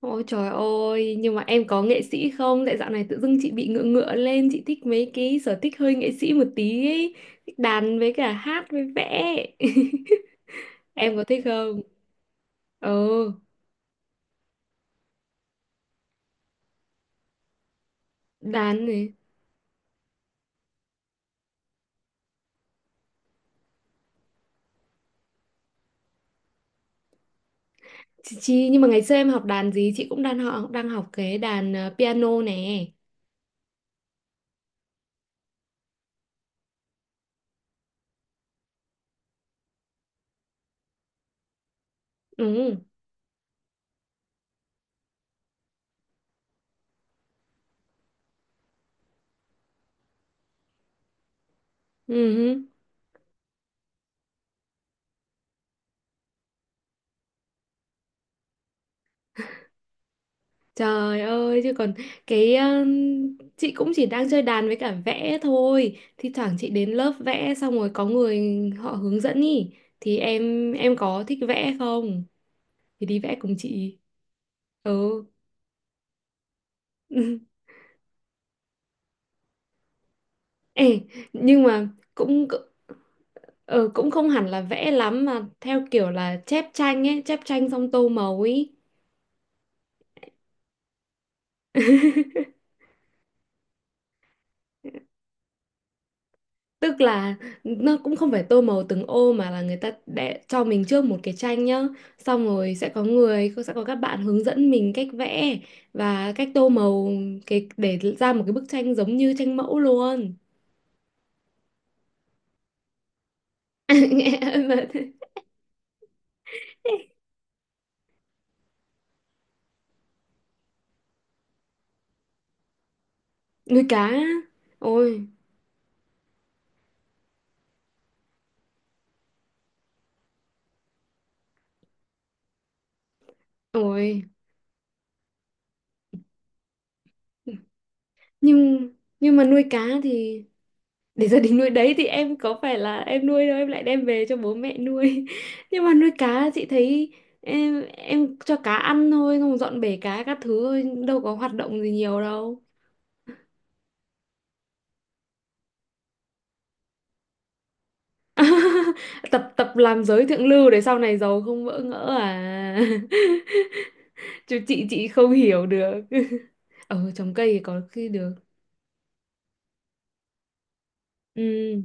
Ôi trời ơi, nhưng mà em có nghệ sĩ không? Tại dạo này tự dưng chị bị ngựa ngựa lên, chị thích mấy cái sở thích hơi nghệ sĩ một tí ấy. Thích đàn với cả hát với vẽ. Em có thích không? Ừ, đàn này. Chị, nhưng mà ngày xưa em học đàn gì? Chị cũng đang học cái đàn piano nè. Ừ, ừ. Ừ. Trời ơi chứ còn cái chị cũng chỉ đang chơi đàn với cả vẽ thôi. Thi thoảng chị đến lớp vẽ xong rồi có người họ hướng dẫn ý thì em có thích vẽ không? Thì đi vẽ cùng chị. Ừ. Ê, nhưng mà cũng ờ, cũng không hẳn là vẽ lắm mà theo kiểu là chép tranh ấy, chép tranh xong tô màu ấy. Tức là nó cũng không phải tô màu từng ô mà là người ta để cho mình trước một cái tranh nhá. Xong rồi sẽ có người, sẽ có các bạn hướng dẫn mình cách vẽ và cách tô màu cái để ra một cái bức tranh giống như tranh mẫu luôn. Nghe mà- Nuôi cá. Á. Ôi, ôi. Nhưng nhưng mà nuôi cá thì để gia đình nuôi đấy thì em có phải là em nuôi đâu em lại đem về cho bố mẹ nuôi nhưng mà nuôi cá chị thấy em cho cá ăn thôi không dọn bể cá các thứ thôi đâu có hoạt động gì nhiều đâu tập tập làm giới thượng lưu để sau này giàu không vỡ ngỡ à. Chứ chị không hiểu được. Ờ trồng cây thì có khi được. Ừ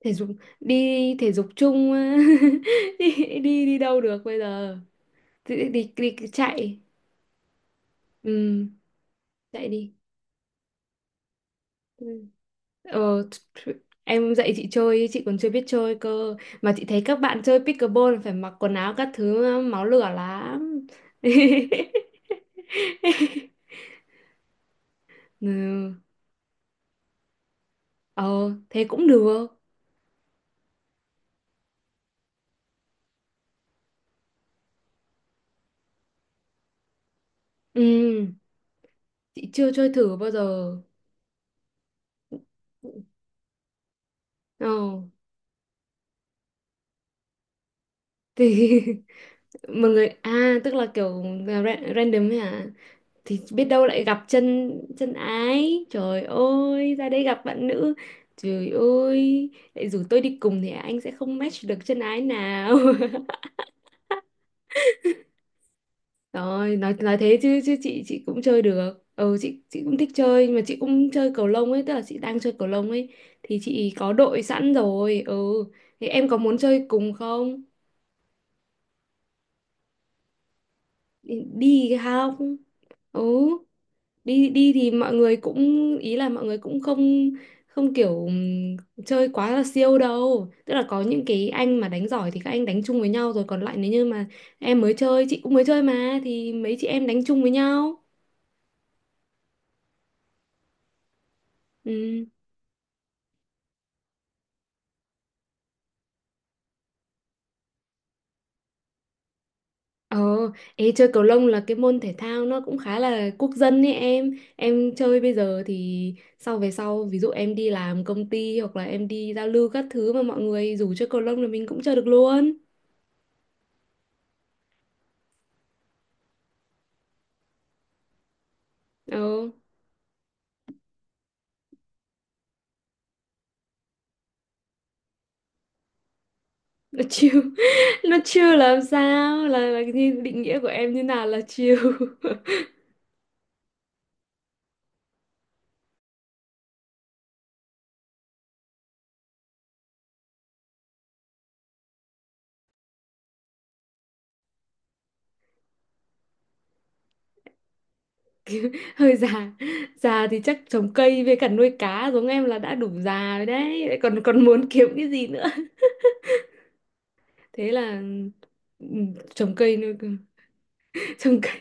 thể dục, đi thể dục chung. Đi đi đi đâu được bây giờ. Đi đi, đi chạy. Ừ, dạy đi. Ừ. ờ th- em dạy chị chơi chị còn chưa biết chơi cơ, mà chị thấy các bạn chơi pickleball phải mặc quần áo các thứ máu lửa lắm. Ừ. Ờ thế cũng được. Ừ chị chưa chơi thử bao giờ. Ờ thì mọi người à tức là kiểu random ấy hả, thì biết đâu lại gặp chân chân ái, trời ơi ra đây gặp bạn nữ, trời ơi lại rủ tôi đi cùng thì anh sẽ không match được chân ái nào. Rồi nói thế chứ chứ chị cũng chơi được, ừ, chị cũng thích chơi, nhưng mà chị cũng chơi cầu lông ấy, tức là chị đang chơi cầu lông ấy thì chị có đội sẵn rồi, ừ, thì em có muốn chơi cùng không? Đi đi không. Ừ đi đi, thì mọi người cũng, ý là mọi người cũng không không kiểu chơi quá là siêu đâu, tức là có những cái anh mà đánh giỏi thì các anh đánh chung với nhau rồi, còn lại nếu như mà em mới chơi chị cũng mới chơi mà, thì mấy chị em đánh chung với nhau. Ừ, ờ, ê, chơi cầu lông là cái môn thể thao nó cũng khá là quốc dân ấy, em chơi bây giờ thì sau về sau ví dụ em đi làm công ty hoặc là em đi giao lưu các thứ mà mọi người rủ chơi cầu lông là mình cũng chơi được luôn. Ờ là chill. Nó chill là làm sao, là như định nghĩa của em như nào là chill? Hơi già. Già thì chắc trồng cây với cả nuôi cá giống em là đã đủ già rồi đấy, lại còn còn muốn kiếm cái gì nữa. Thế là ừ, trồng cây nuôi trồng cây,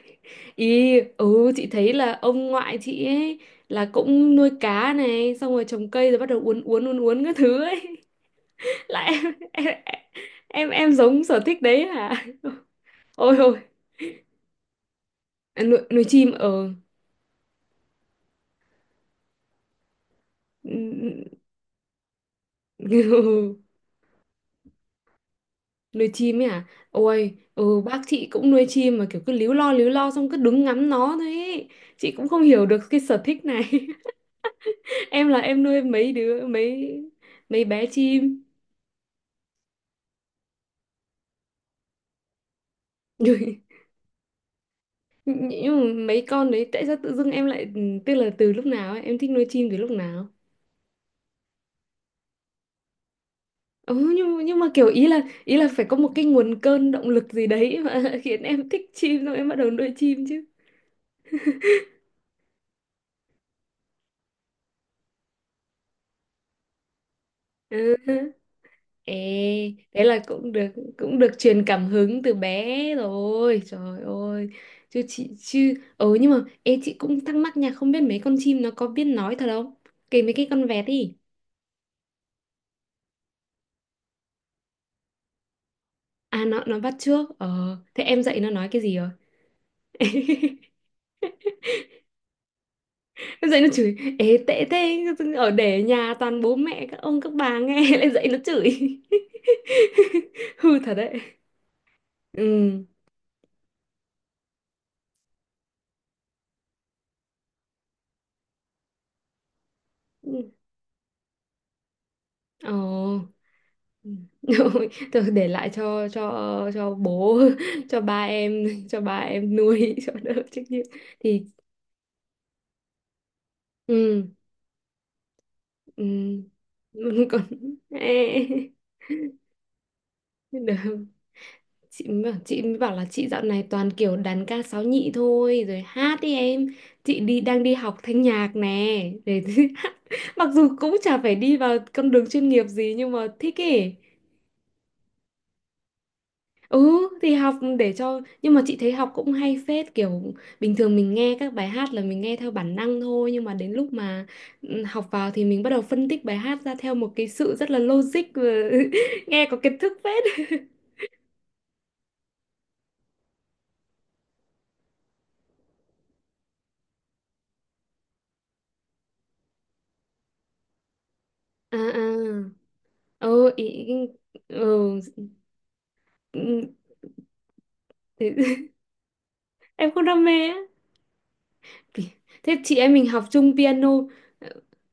ý ừ chị thấy là ông ngoại chị ấy là cũng nuôi cá này xong rồi trồng cây rồi bắt đầu uốn uốn uốn uốn các thứ ấy. Lại em, em giống sở thích đấy hả? Ôi. À, nuôi chim ở, ừ. Nuôi chim ấy à, ôi ừ, bác chị cũng nuôi chim mà kiểu cứ líu lo xong cứ đứng ngắm nó thôi ấy. Chị cũng không hiểu được cái sở thích này. Em là em nuôi mấy đứa mấy mấy bé chim. nhưng nhưng mà mấy con đấy tại sao tự dưng em lại ừ, tức là từ lúc nào ấy, em thích nuôi chim từ lúc nào? Ừ, nhưng mà kiểu ý là phải có một cái nguồn cơn động lực gì đấy mà khiến em thích chim xong em bắt đầu nuôi chim chứ. Ừ. Ê, thế là cũng được, truyền cảm hứng từ bé rồi. Trời ơi. Chứ chị, ừ nhưng mà ê chị cũng thắc mắc nha, không biết mấy con chim nó có biết nói thật không? Kể mấy cái con vẹt đi. À nó bắt trước. Ờ, thế em dạy nó nói cái gì rồi? Em dạy nó chửi, ê tệ thế, ở để nhà toàn bố mẹ các ông các bà nghe lại dạy nó chửi. Hư thật đấy. Ừ. Ừ. Ồ. Ừ. Thôi để lại cho bố, cho ba em, cho ba em nuôi, cho đỡ trách nhiệm thì ừ, ừ. Còn ê. Được. Chị mới bảo là chị dạo này toàn kiểu đàn ca sáo nhị thôi rồi hát đi em, chị đang đi học thanh nhạc nè để hát. Mặc dù cũng chả phải đi vào con đường chuyên nghiệp gì nhưng mà thích ấy. Ừ thì học để cho, nhưng mà chị thấy học cũng hay phết, kiểu bình thường mình nghe các bài hát là mình nghe theo bản năng thôi, nhưng mà đến lúc mà ừ, học vào thì mình bắt đầu phân tích bài hát ra theo một cái sự rất là logic, và nghe có kiến thức phết. À à. Ừ, ý, ừ, ừ, thế- em không đam mê á. Thế chị em mình học chung piano. ờ,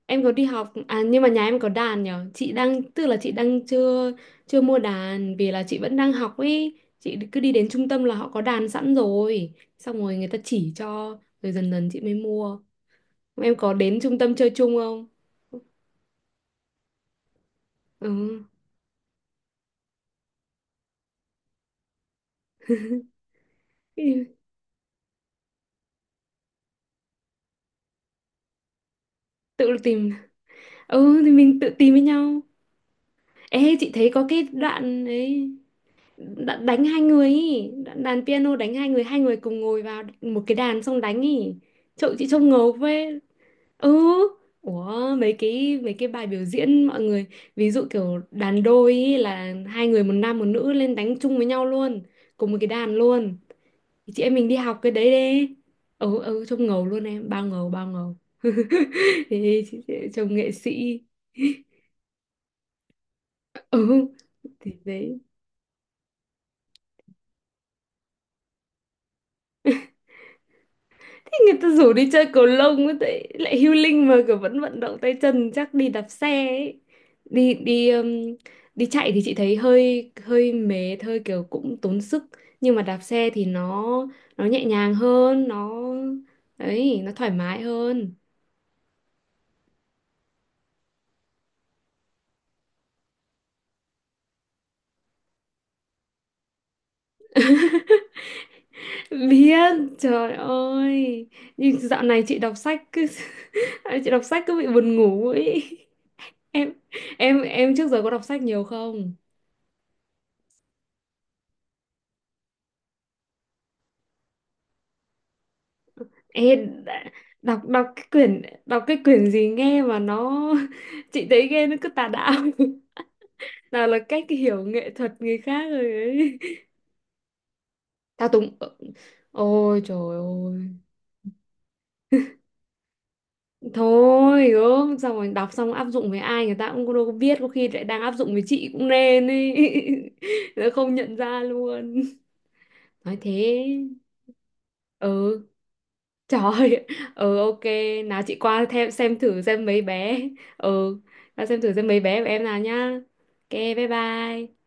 em có đi học à, nhưng mà nhà em có đàn nhở, chị đang tức là chị đang chưa chưa mua đàn vì là chị vẫn đang học ấy, chị cứ đi đến trung tâm là họ có đàn sẵn rồi xong rồi người ta chỉ cho rồi dần dần chị mới mua. Em có đến trung tâm chơi chung không? Ừ. Thì tự tìm ừ thì mình tự tìm với nhau. Ê chị thấy có cái đoạn đấy, đã đánh hai người ý, đàn piano đánh hai người cùng ngồi vào một cái đàn xong đánh ý, trông ngầu với. Ừ. Ủa, mấy cái bài biểu diễn mọi người ví dụ kiểu đàn đôi ý là hai người một nam một nữ lên đánh chung với nhau luôn cùng một cái đàn luôn. Thì chị em mình đi học cái đấy đi. Ừ ừ trông ngầu luôn, em bao ngầu bao ngầu. Thì trông nghệ sĩ. Ừ thì đấy, người ta rủ đi chơi cầu lông ấy, tại lại healing mà kiểu vẫn vận động tay chân, chắc đi đạp xe ấy. Đi đi Đi chạy thì chị thấy hơi hơi mệt, hơi kiểu cũng tốn sức, nhưng mà đạp xe thì nó nhẹ nhàng hơn, nó ấy, nó thoải mái hơn. Biết, trời ơi, nhưng dạo này chị đọc sách cứ chị đọc sách cứ bị buồn ngủ ấy. em em trước giờ có đọc sách nhiều không? Ê, đã- đọc đọc cái quyển gì nghe mà nó chị thấy nghe nó cứ tà đạo. Nào là cách hiểu nghệ thuật người khác rồi ấy, thao túng, ôi trời ơi, thôi gớm, xong rồi đọc xong áp dụng với ai người ta cũng đâu có biết, có khi lại đang áp dụng với chị cũng nên ấy, nó không nhận ra luôn. Nói thế. Ừ trời ơi, ừ ok, nào chị qua theo xem thử xem mấy bé. Ừ, qua xem thử xem mấy bé của em nào nhá. Ok, bye bye.